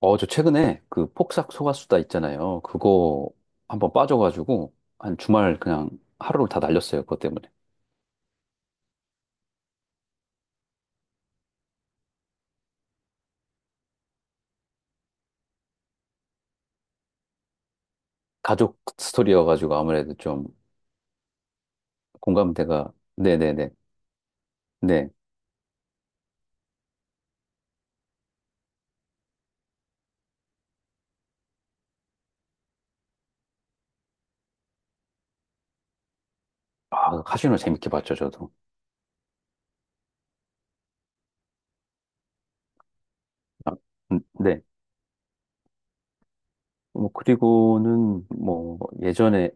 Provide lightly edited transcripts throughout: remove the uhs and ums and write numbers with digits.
어, 저 최근에 그 폭삭 소가수다 있잖아요. 그거 한번 빠져가지고 한 주말 그냥 하루를 다 날렸어요. 그것 때문에. 가족 스토리여가지고 아무래도 좀 공감대가. 네네네. 네. 아, 카지노 재밌게 봤죠, 저도. 네. 뭐, 그리고는 뭐, 예전에,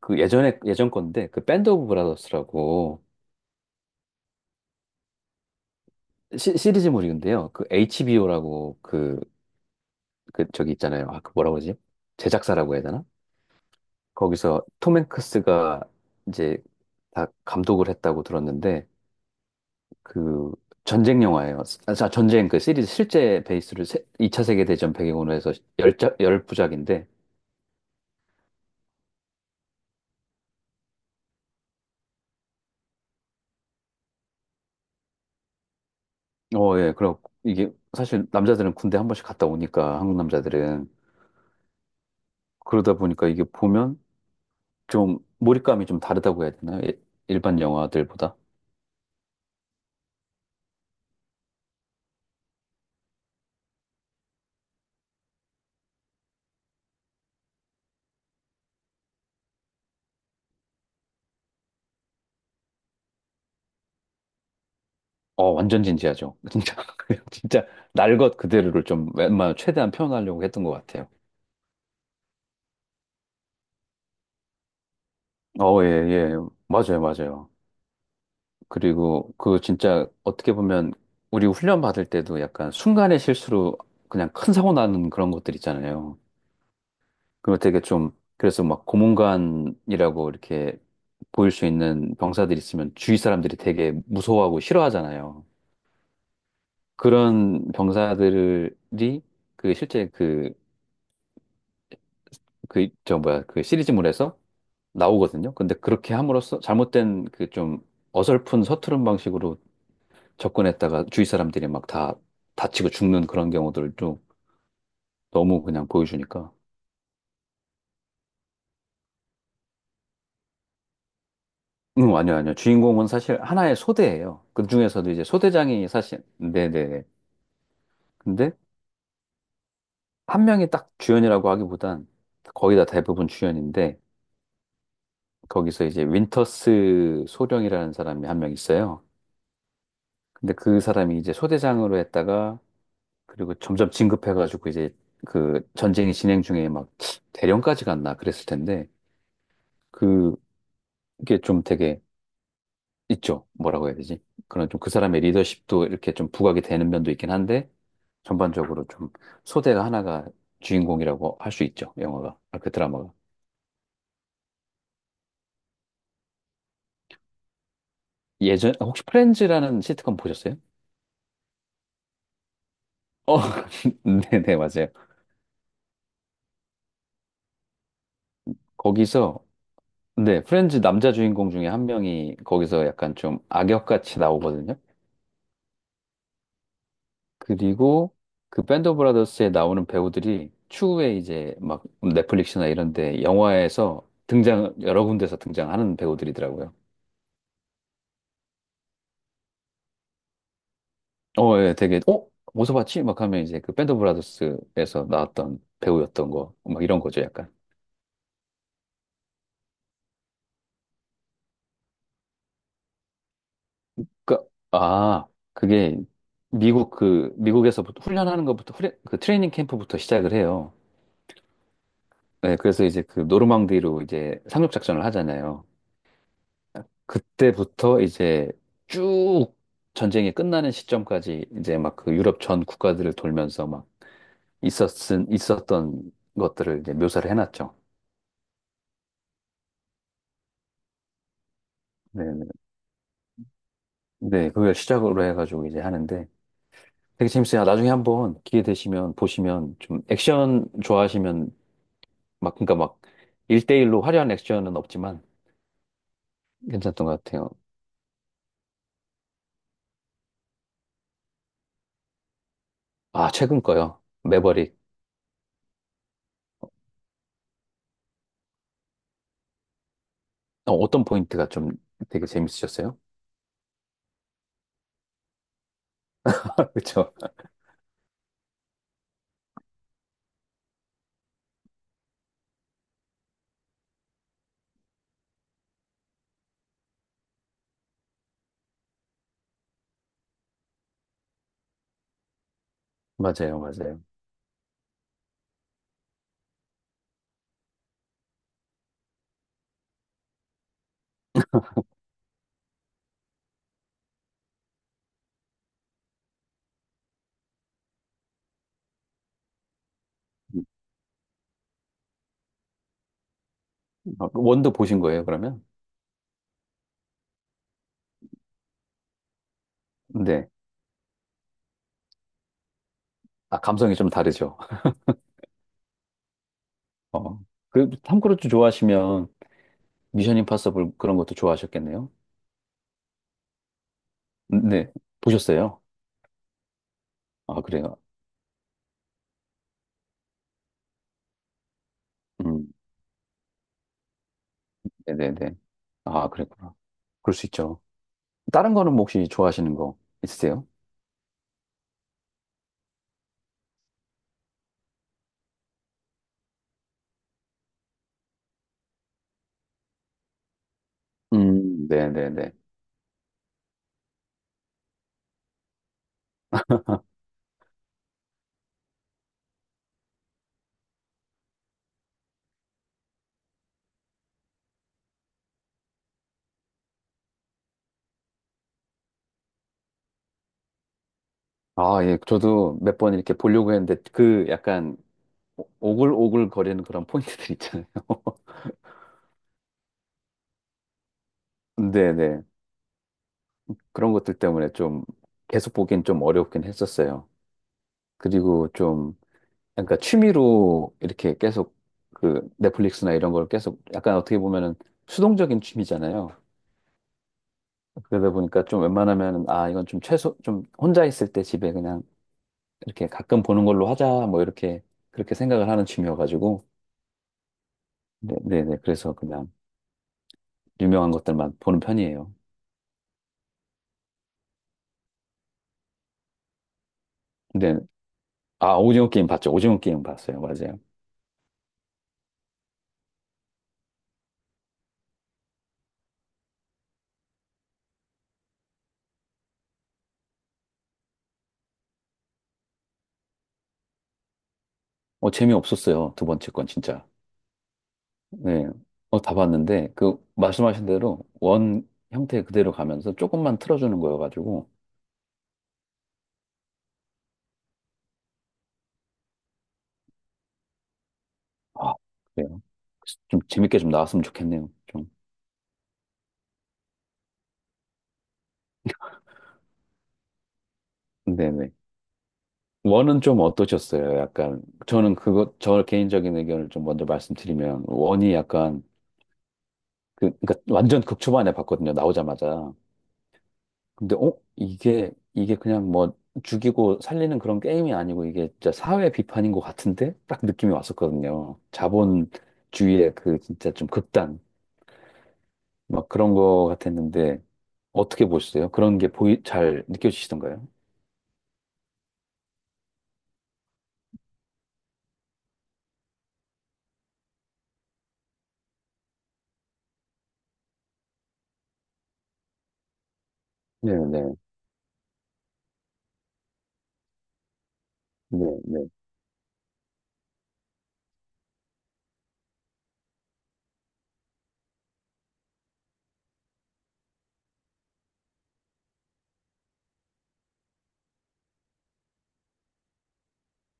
그 예전에, 예전 건데, 그 밴드 오브 브라더스라고 시리즈물인데요. 그 HBO라고 그, 그 저기 있잖아요. 아, 그 뭐라고 그러지? 제작사라고 해야 되나? 거기서 톰 행크스가 이제 다 감독을 했다고 들었는데 그 전쟁 영화예요. 아, 자, 전쟁 그 시리즈 실제 베이스를 2차 세계 대전 배경으로 해서 열자 열부작인데 어, 예. 그럼 이게 사실 남자들은 군대 한 번씩 갔다 오니까 한국 남자들은 그러다 보니까 이게 보면 좀 몰입감이 좀 다르다고 해야 되나요? 예, 일반 영화들보다. 어, 완전 진지하죠. 진짜 그냥 진짜 날 것 그대로를 좀 웬만하면 최대한 표현하려고 했던 것 같아요. 어, 예, 예. 맞아요, 맞아요. 그리고 그 진짜 어떻게 보면 우리 훈련 받을 때도 약간 순간의 실수로 그냥 큰 사고 나는 그런 것들 있잖아요. 그걸 되게 좀, 그래서 막 고문관이라고 이렇게 보일 수 있는 병사들 있으면 주위 사람들이 되게 무서워하고 싫어하잖아요. 그런 병사들이 그 실제 그, 그, 저 뭐야, 그 시리즈물에서 나오거든요. 근데 그렇게 함으로써 잘못된 그 좀 어설픈 서투른 방식으로 접근했다가 주위 사람들이 막 다 다치고 죽는 그런 경우들도 너무 그냥 보여주니까. 응, 아니요, 아니요. 주인공은 사실 하나의 소대예요. 그 중에서도 이제 소대장이 사실, 네네네. 근데 한 명이 딱 주연이라고 하기보단 거의 다 대부분 주연인데, 거기서 이제 윈터스 소령이라는 사람이 한 명 있어요. 근데 그 사람이 이제 소대장으로 했다가, 그리고 점점 진급해가지고 이제 그 전쟁이 진행 중에 막 대령까지 갔나 그랬을 텐데, 그게 좀 되게 있죠. 뭐라고 해야 되지? 그런 좀 그 사람의 리더십도 이렇게 좀 부각이 되는 면도 있긴 한데, 전반적으로 좀 소재가 하나가 주인공이라고 할 수 있죠. 영화가. 아, 그 드라마가. 예전, 아, 혹시 프렌즈라는 시트콤 보셨어요? 어, 네네, 맞아요. 거기서, 네, 프렌즈 남자 주인공 중에 한 명이 거기서 약간 좀 악역같이 나오거든요. 그리고 그 밴드 오브 브라더스에 나오는 배우들이 추후에 이제 막 넷플릭스나 이런 데 영화에서 등장, 여러 군데서 등장하는 배우들이더라고요. 어, 예, 되게, 어? 어디서 봤지? 막 하면 이제 그 밴드 오브 브라더스에서 나왔던 배우였던 거, 막 이런 거죠, 약간. 그, 아, 그게 미국 그, 미국에서부터 훈련하는 것부터, 그 트레이닝 캠프부터 시작을 해요. 네, 그래서 이제 그 노르망디로 이제 상륙작전을 하잖아요. 그때부터 이제 쭉 전쟁이 끝나는 시점까지 이제 막 그 유럽 전 국가들을 돌면서 막 있었던 것들을 이제 묘사를 해놨죠. 네, 네, 네, 그걸 시작으로 해가지고 이제 하는데, 되게 재밌어요. 아, 나중에 한번 기회 되시면 보시면 좀 액션 좋아하시면 막 그러니까 막일대일로 화려한 액션은 없지만 괜찮던 것 같아요. 아, 최근 거요. 매버릭. 어, 어떤 포인트가 좀 되게 재밌으셨어요? 그쵸? 맞아요, 맞아요. 아, 원도 보신 거예요, 그러면? 네. 아, 감성이 좀 다르죠. 어. 그, 탐 크루즈 좋아하시면 미션 임파서블 그런 것도 좋아하셨겠네요? 네. 보셨어요? 아, 그래요? 음, 네네네. 아, 그랬구나. 그럴 수 있죠. 다른 거는 뭐 혹시 좋아하시는 거 있으세요? 네네네. 아, 예, 저도 몇 번 이렇게 보려고 했는데, 그 약간 오글오글 거리는 그런 포인트들 있잖아요. 네네. 그런 것들 때문에 좀 계속 보긴 좀 어렵긴 했었어요. 그리고 좀, 그러니까 취미로 이렇게 계속 그 넷플릭스나 이런 걸 계속 약간 어떻게 보면은 수동적인 취미잖아요. 그러다 보니까 좀 웬만하면, 아, 이건 좀 최소, 좀 혼자 있을 때 집에 그냥 이렇게 가끔 보는 걸로 하자, 뭐 이렇게 그렇게 생각을 하는 취미여가지고, 네, 네, 네. 그래서 그냥 유명한 것들만 보는 편이에요. 근데 아 오징어 게임 봤죠? 오징어 게임 봤어요, 맞아요. 어 재미없었어요, 두 번째 건 진짜. 네, 어다 봤는데 그 말씀하신 대로 원 형태 그대로 가면서 조금만 틀어주는 거여가지고, 아 그래요. 좀 재밌게 좀 나왔으면 좋겠네요. 좀. 네네. 원은 좀 어떠셨어요? 약간 저는 그거 저 개인적인 의견을 좀 먼저 말씀드리면 원이 약간 그, 그러니까 완전 극초반에 봤거든요. 나오자마자. 근데 어 이게 그냥 뭐 죽이고 살리는 그런 게임이 아니고 이게 진짜 사회 비판인 것 같은데 딱 느낌이 왔었거든요. 자본주의의 그 진짜 좀 극단 막 그런 거 같았는데 어떻게 보셨어요? 그런 게 보이 잘 느껴지시던가요? 네네 네네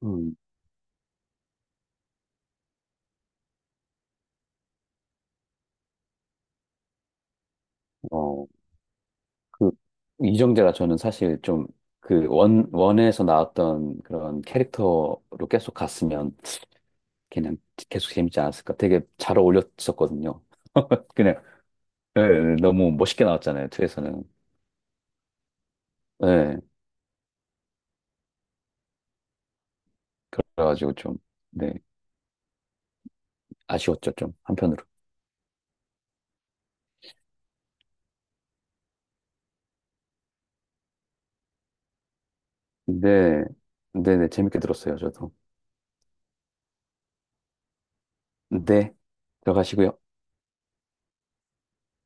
음, 어, 그 이정재가 저는 사실 좀 그 원 원에서 나왔던 그런 캐릭터로 계속 갔으면 그냥 계속 재밌지 않았을까. 되게 잘 어울렸었거든요. 그냥 예, 예, 너무 멋있게 나왔잖아요. 투에서는 예. 그래가지고 좀, 네. 아쉬웠죠. 좀 한편으로. 네. 네네. 재밌게 들었어요. 저도. 네. 들어가시고요.